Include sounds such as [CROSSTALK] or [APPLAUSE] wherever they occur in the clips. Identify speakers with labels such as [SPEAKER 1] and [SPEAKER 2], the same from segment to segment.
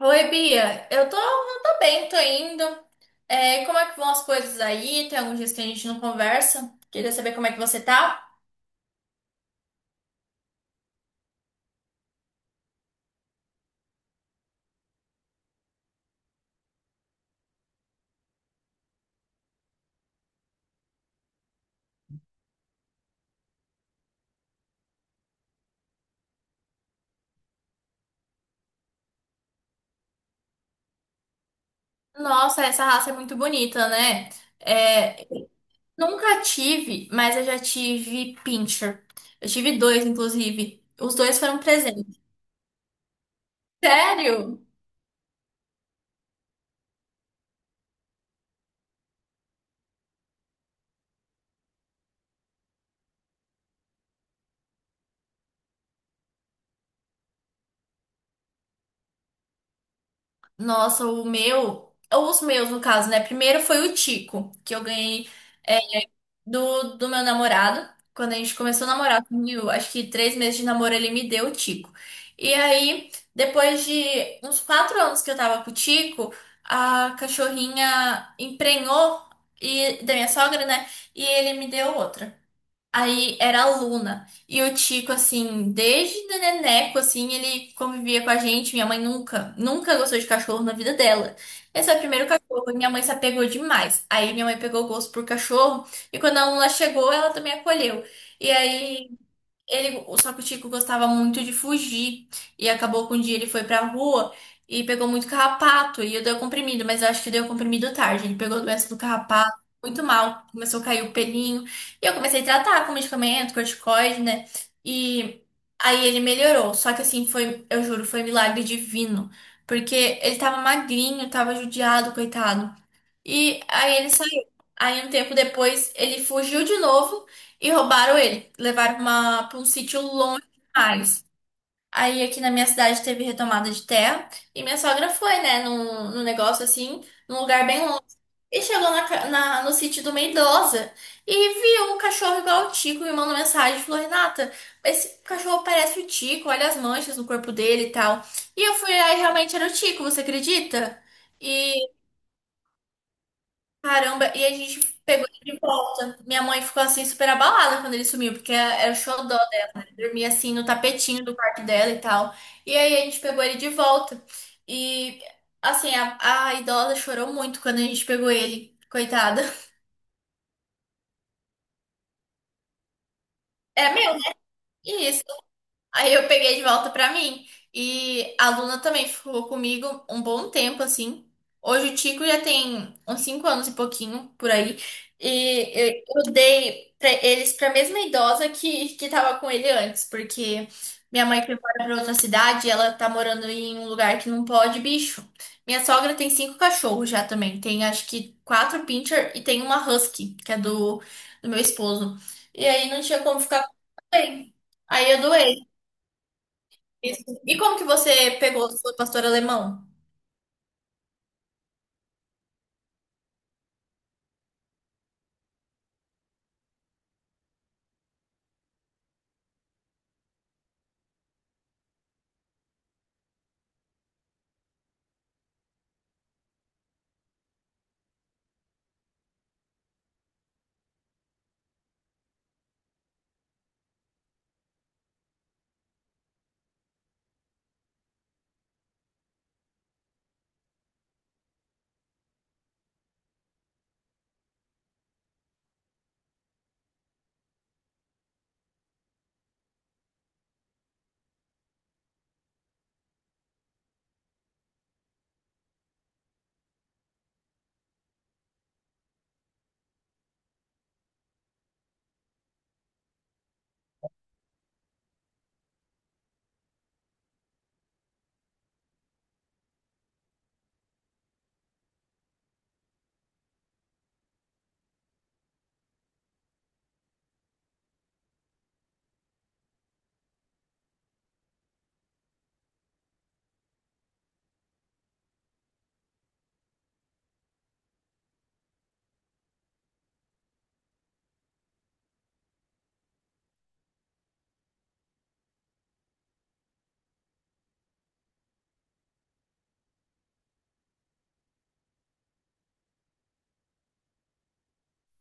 [SPEAKER 1] Oi, Bia. Eu tô bem, tô indo. É, como é que vão as coisas aí? Tem alguns dias que a gente não conversa. Queria saber como é que você tá. Nossa, essa raça é muito bonita, né? É, nunca tive, mas eu já tive pincher. Eu tive dois, inclusive. Os dois foram presentes. Sério? Nossa, o meu, ou os meus no caso, né? Primeiro foi o Tico, que eu ganhei do meu namorado. Quando a gente começou a namorar, eu, acho que três meses de namoro, ele me deu o Tico. E aí, depois de uns quatro anos que eu tava com o Tico, a cachorrinha emprenhou e, da minha sogra, né? E ele me deu outra. Aí era a Luna. E o Tico, assim, desde neneco, assim, ele convivia com a gente. Minha mãe nunca, nunca gostou de cachorro na vida dela. Esse é o primeiro cachorro e minha mãe se apegou demais. Aí minha mãe pegou gosto por cachorro e quando a Luna chegou, ela também acolheu. E aí ele, só que o Chico gostava muito de fugir. E acabou que um dia ele foi pra rua e pegou muito carrapato. E eu dei o comprimido, mas eu acho que deu comprimido tarde. Ele pegou a doença do carrapato, muito mal. Começou a cair o pelinho. E eu comecei a tratar com medicamento, corticoide, né? E aí ele melhorou. Só que assim, foi, eu juro, foi milagre divino. Porque ele tava magrinho, tava judiado, coitado. E aí ele saiu. Aí um tempo depois ele fugiu de novo. E roubaram ele, levaram uma, pra um sítio longe demais. Aí aqui na minha cidade teve retomada de terra e minha sogra foi, né, num negócio assim, num lugar bem longe. E chegou na, no sítio de uma idosa e viu um cachorro igual o Tico e me mandou mensagem, e falou, Renata, esse cachorro parece o Tico, olha as manchas no corpo dele e tal. E eu fui lá e realmente era o Tico, você acredita? E caramba, e a gente pegou ele de volta. Minha mãe ficou assim super abalada quando ele sumiu, porque era o xodó. Dormia assim no tapetinho do quarto dela e tal. E aí a gente pegou ele de volta. E assim, a idosa chorou muito quando a gente pegou ele, coitada. É meu. Isso. Aí eu peguei de volta pra mim. E a Luna também ficou comigo um bom tempo, assim. Hoje o Tico já tem uns 5 anos e pouquinho por aí. E eu dei pra eles pra mesma idosa que tava com ele antes, porque minha mãe foi embora pra outra cidade e ela tá morando em um lugar que não pode bicho. Minha sogra tem cinco cachorros já também. Tem acho que quatro pincher e tem uma husky, que é do meu esposo. E aí não tinha como ficar com ninguém. Aí eu doei. Isso. E como que você pegou sua pastora alemão?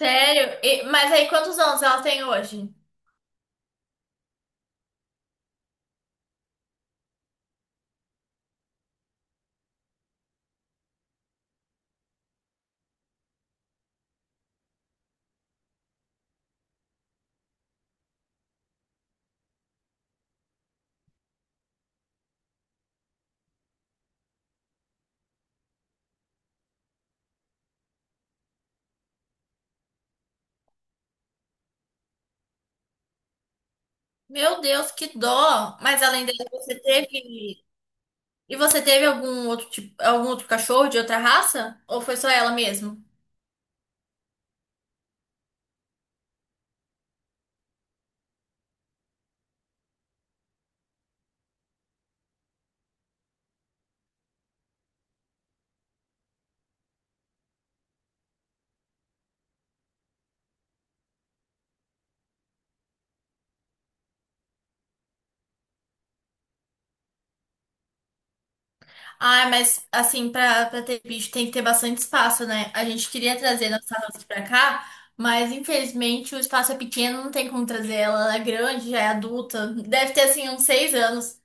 [SPEAKER 1] Sério? Mas aí, quantos anos ela tem hoje? Meu Deus, que dó! Mas além dela, você teve. E você teve algum outro tipo, algum outro cachorro de outra raça? Ou foi só ela mesmo? Ah, mas assim, pra ter bicho tem que ter bastante espaço, né? A gente queria trazer nossa raça pra cá, mas infelizmente o espaço é pequeno, não tem como trazer ela. Ela é grande, já é adulta. Deve ter assim uns seis anos.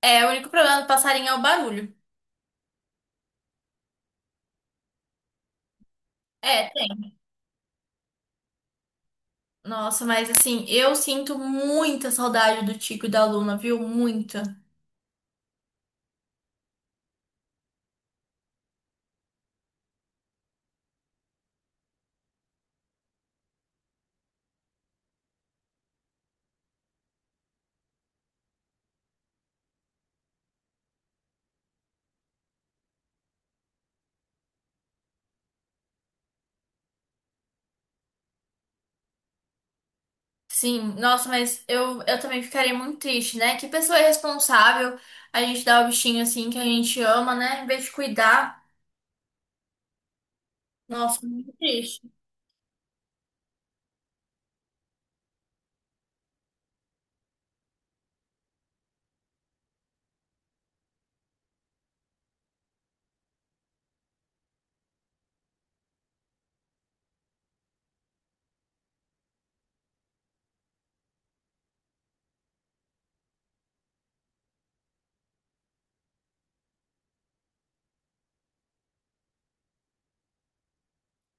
[SPEAKER 1] É, o único problema do passarinho é o barulho. É, tem. Nossa, mas assim, eu sinto muita saudade do Tico e da Luna, viu? Muita. Sim, nossa, mas eu também ficaria muito triste, né? Que pessoa irresponsável a gente dá o bichinho assim que a gente ama, né? Em vez de cuidar. Nossa, muito triste.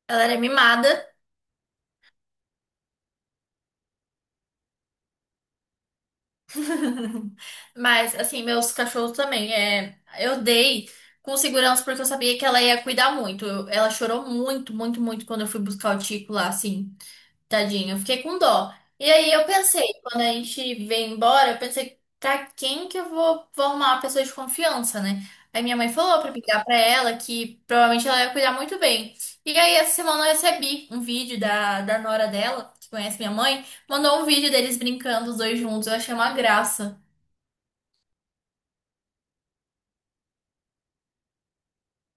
[SPEAKER 1] Ela era mimada. [LAUGHS] Mas, assim, meus cachorros também. É, eu dei com segurança porque eu sabia que ela ia cuidar muito. Ela chorou muito, muito, muito quando eu fui buscar o Tico lá, assim. Tadinho, eu fiquei com dó. E aí eu pensei, quando a gente veio embora, eu pensei, pra quem que vou arrumar uma pessoa de confiança, né? Aí minha mãe falou pra ligar pra ela que provavelmente ela ia cuidar muito bem. E aí essa semana eu recebi um vídeo da nora dela, que conhece minha mãe, mandou um vídeo deles brincando os dois juntos. Eu achei uma graça.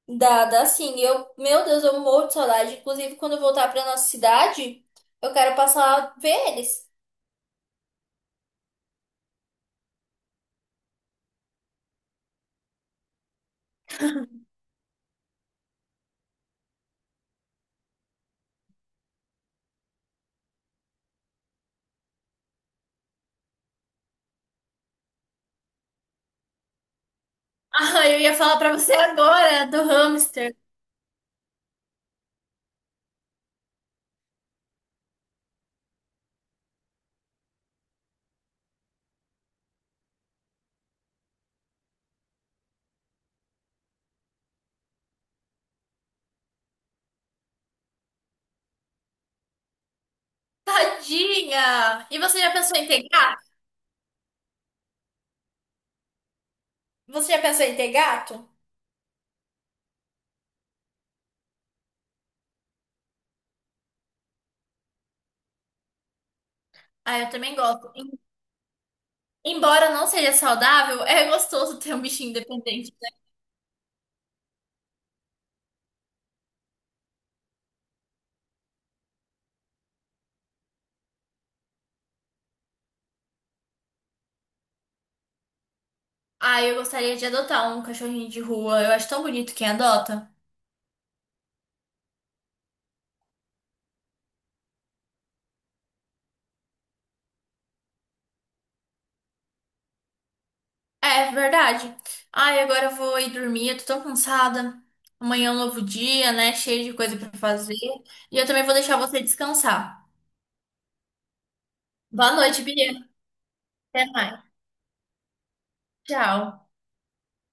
[SPEAKER 1] Dá, dá sim. Eu, meu Deus, eu morro de saudade. Inclusive, quando eu voltar pra nossa cidade, eu quero passar a ver eles. [LAUGHS] Ah, eu ia falar pra você agora do hamster. Tadinha! E você já pensou em ter gato? Você já pensou em ter gato? Ah, eu também gosto. Embora não seja saudável, é gostoso ter um bichinho independente. Ah, eu gostaria de adotar um cachorrinho de rua. Eu acho tão bonito quem adota. É verdade. Ai, agora eu vou ir dormir. Eu tô tão cansada. Amanhã é um novo dia, né? Cheio de coisa pra fazer. E eu também vou deixar você descansar. Boa noite, Bia. Até mais. Tchau.